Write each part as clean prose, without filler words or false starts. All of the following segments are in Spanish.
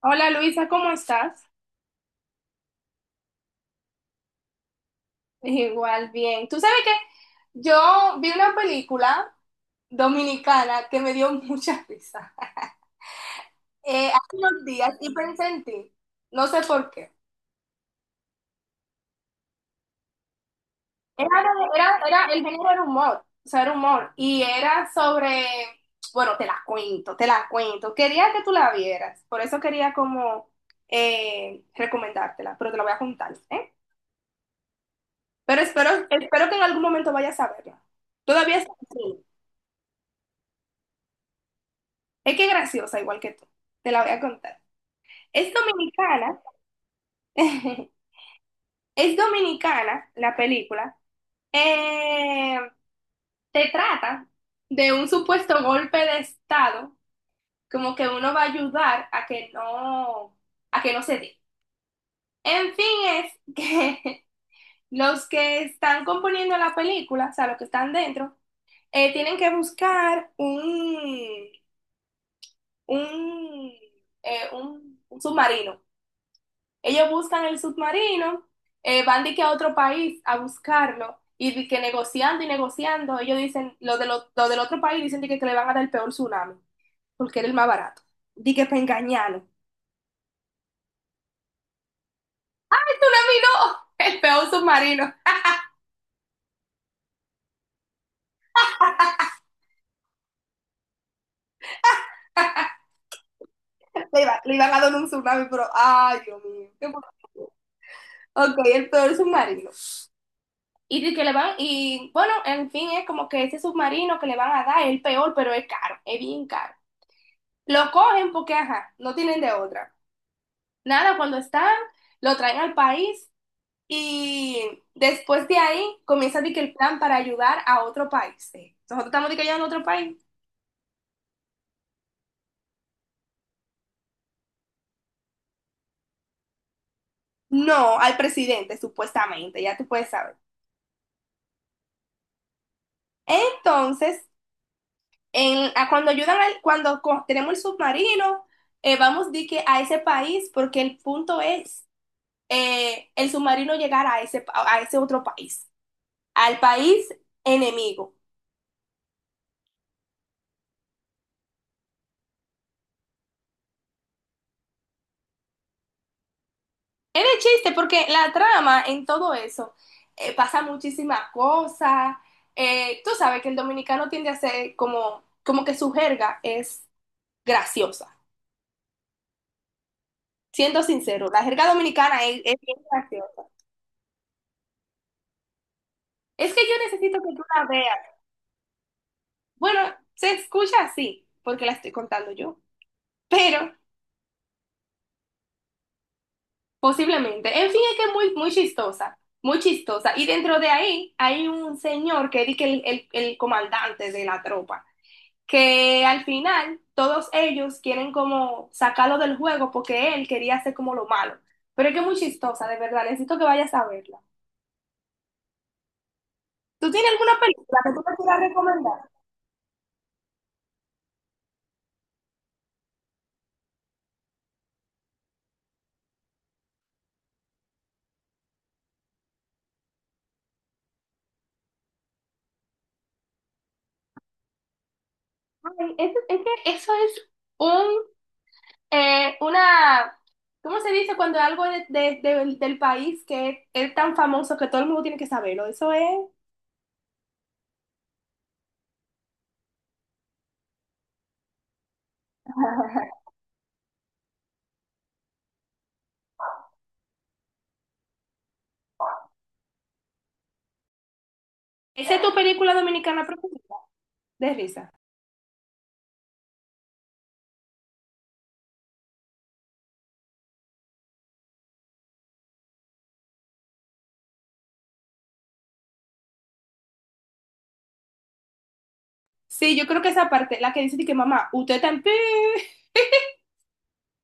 Hola Luisa, ¿cómo estás? Igual, bien. Tú sabes que yo vi una película dominicana que me dio mucha risa hace unos días y pensé en ti, no sé por qué. Era, el género era humor, o sea, era humor y era sobre, bueno, te la cuento. Quería que tú la vieras, por eso quería como recomendártela, pero te la voy a contar, ¿eh? Pero espero que en algún momento vayas a verla. Todavía está en cine. Es que es graciosa, igual que tú. Te la voy a contar. Es dominicana. Es dominicana la película. Eh, Te trata de un supuesto golpe de estado, como que uno va a ayudar a que no se dé. En fin, es que los que están componiendo la película, o sea, los que están dentro, tienen que buscar un, un submarino. Ellos buscan el submarino, van de que a otro país a buscarlo y de que negociando y negociando, ellos dicen, los de los del otro país dicen de que le van a dar el peor tsunami, porque era el más barato. Di que para engañarlo. El tsunami no, el peor submarino. Le, le iban a dar un tsunami, pero, ay, Dios mío, qué bonito. Ok, el peor submarino. Y de que le van, y bueno, en fin, es como que ese submarino que le van a dar es el peor, pero es caro, es bien caro. Lo cogen porque, ajá, no tienen de otra. Nada, cuando están, lo traen al país y después de ahí comienza de que el plan para ayudar a otro país. Nosotros estamos de que ayudando a otro país. No, al presidente, supuestamente, ya tú puedes saber. Entonces, en- a cuando ayudan al, cuando tenemos el submarino, vamos de que a ese país, porque el punto es el submarino llegar a ese, a ese otro país, al país enemigo. Es de chiste porque la trama en todo eso pasa muchísimas cosas. Tú sabes que el dominicano tiende a ser como, como que su jerga es graciosa. Siendo sincero, la jerga dominicana es bien graciosa. Es que yo necesito que tú la veas. Bueno, se escucha así porque la estoy contando yo, pero posiblemente. En fin, es que es muy, muy chistosa, muy chistosa. Y dentro de ahí hay un señor que es de que el, el comandante de la tropa, que al final todos ellos quieren como sacarlo del juego porque él quería hacer como lo malo. Pero es que es muy chistosa, de verdad, necesito que vayas a verla. ¿Tú tienes alguna película que tú me quieras recomendar? Ay, es que eso es un, una, ¿cómo se dice cuando algo del país que es tan famoso que todo el mundo tiene que saberlo? Eso es. ¿Esa es tu película dominicana preferida? De risa. Sí, yo creo que esa parte, la que dice de que mamá, usted también.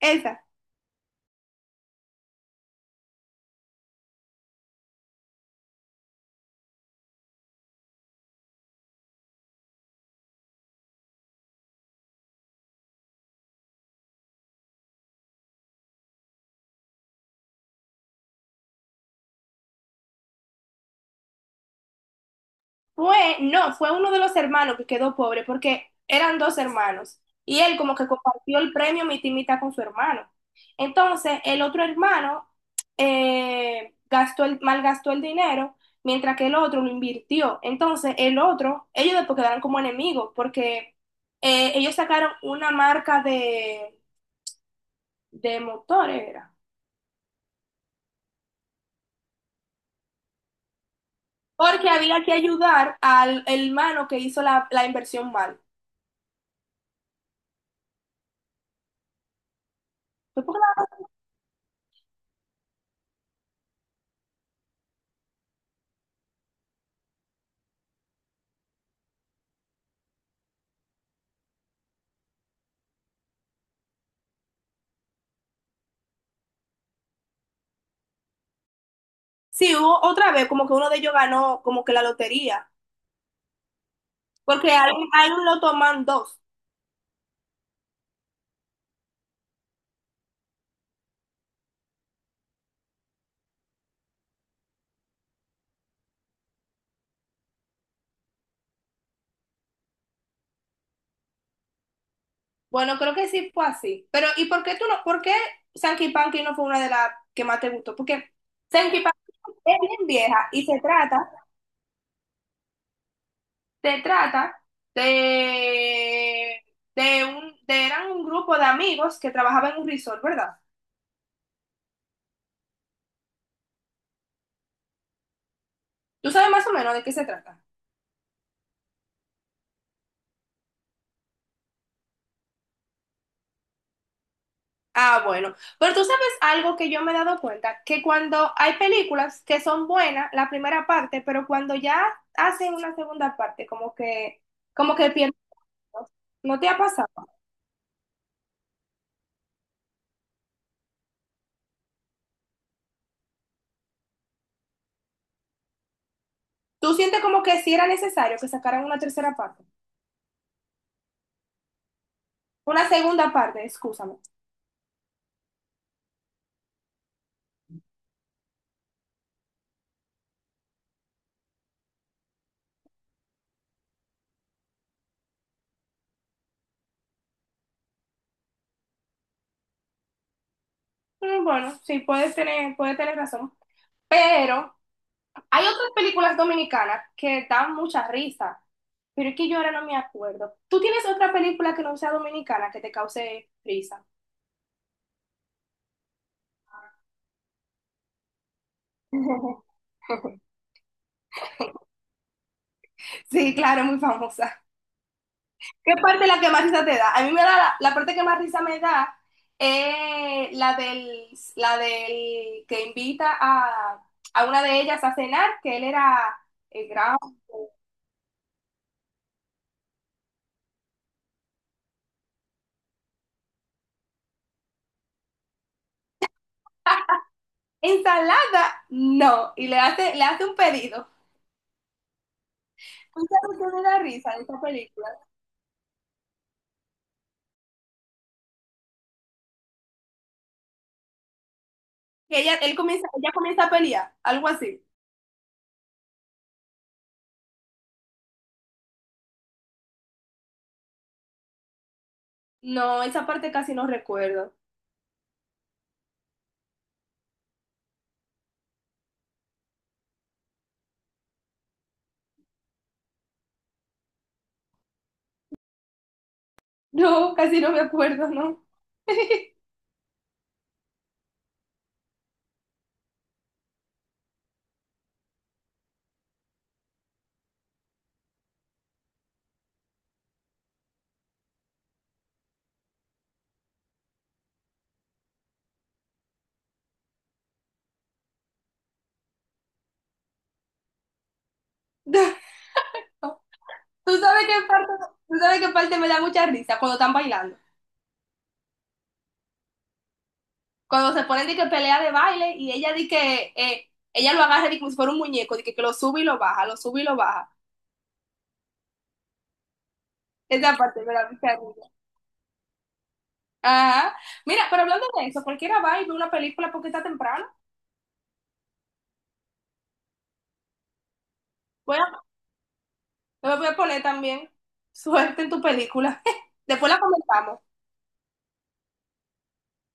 Esa. Fue, no, fue uno de los hermanos que quedó pobre porque eran dos hermanos y él como que compartió el premio mitad y mitad con su hermano. Entonces, el otro hermano gastó el, malgastó el dinero mientras que el otro lo invirtió. Entonces, el otro, ellos después quedaron como enemigos porque ellos sacaron una marca de motores, era. Porque había que ayudar al hermano que hizo la, la inversión mal. Fue porque sí, hubo otra vez como que uno de ellos ganó como que la lotería, porque hay un loto man dos. Bueno, creo que sí fue así. Pero ¿y por qué tú no? ¿Por qué Sankey Panky no fue una de las que más te gustó? Porque Sankey Panky es bien vieja y se trata de, de un, de eran un grupo de amigos que trabajaban en un resort, ¿verdad? ¿Tú sabes más o menos de qué se trata? Ah, bueno. Pero tú sabes algo que yo me he dado cuenta, que cuando hay películas que son buenas, la primera parte, pero cuando ya hacen una segunda parte, como que pierden. ¿No te ha pasado? ¿Tú sientes como que sí era necesario que sacaran una tercera parte? Una segunda parte, excúsame. Mm, bueno, sí, puedes tener razón. Pero hay otras películas dominicanas que dan mucha risa, pero es que yo ahora no me acuerdo. ¿Tú tienes otra película que no sea dominicana que te cause risa? Sí, claro, muy famosa. ¿Qué parte es la que más risa te da? A mí me da la, la parte que más risa me da es la del que invita a una de ellas a cenar, que él era el gran... Ensalada, no, y le hace un pedido. ¿Tú sabes qué me da risa de esta película? Que ella, él comienza, ella comienza a pelear, algo así. No, esa parte casi no recuerdo. No, casi no me acuerdo, no. No. Tú sabes qué parte, tú sabes qué parte me da mucha risa cuando están bailando. Cuando se ponen de que pelea de baile y ella di que ella lo agarra di como si fuera un muñeco, de que lo sube y lo baja, lo sube y lo baja. Esa parte me da mucha risa. Ajá. Mira, pero hablando de eso, cualquiera va y ve una película porque está temprano. Voy a, me voy a poner también suerte en tu película. Después la comentamos.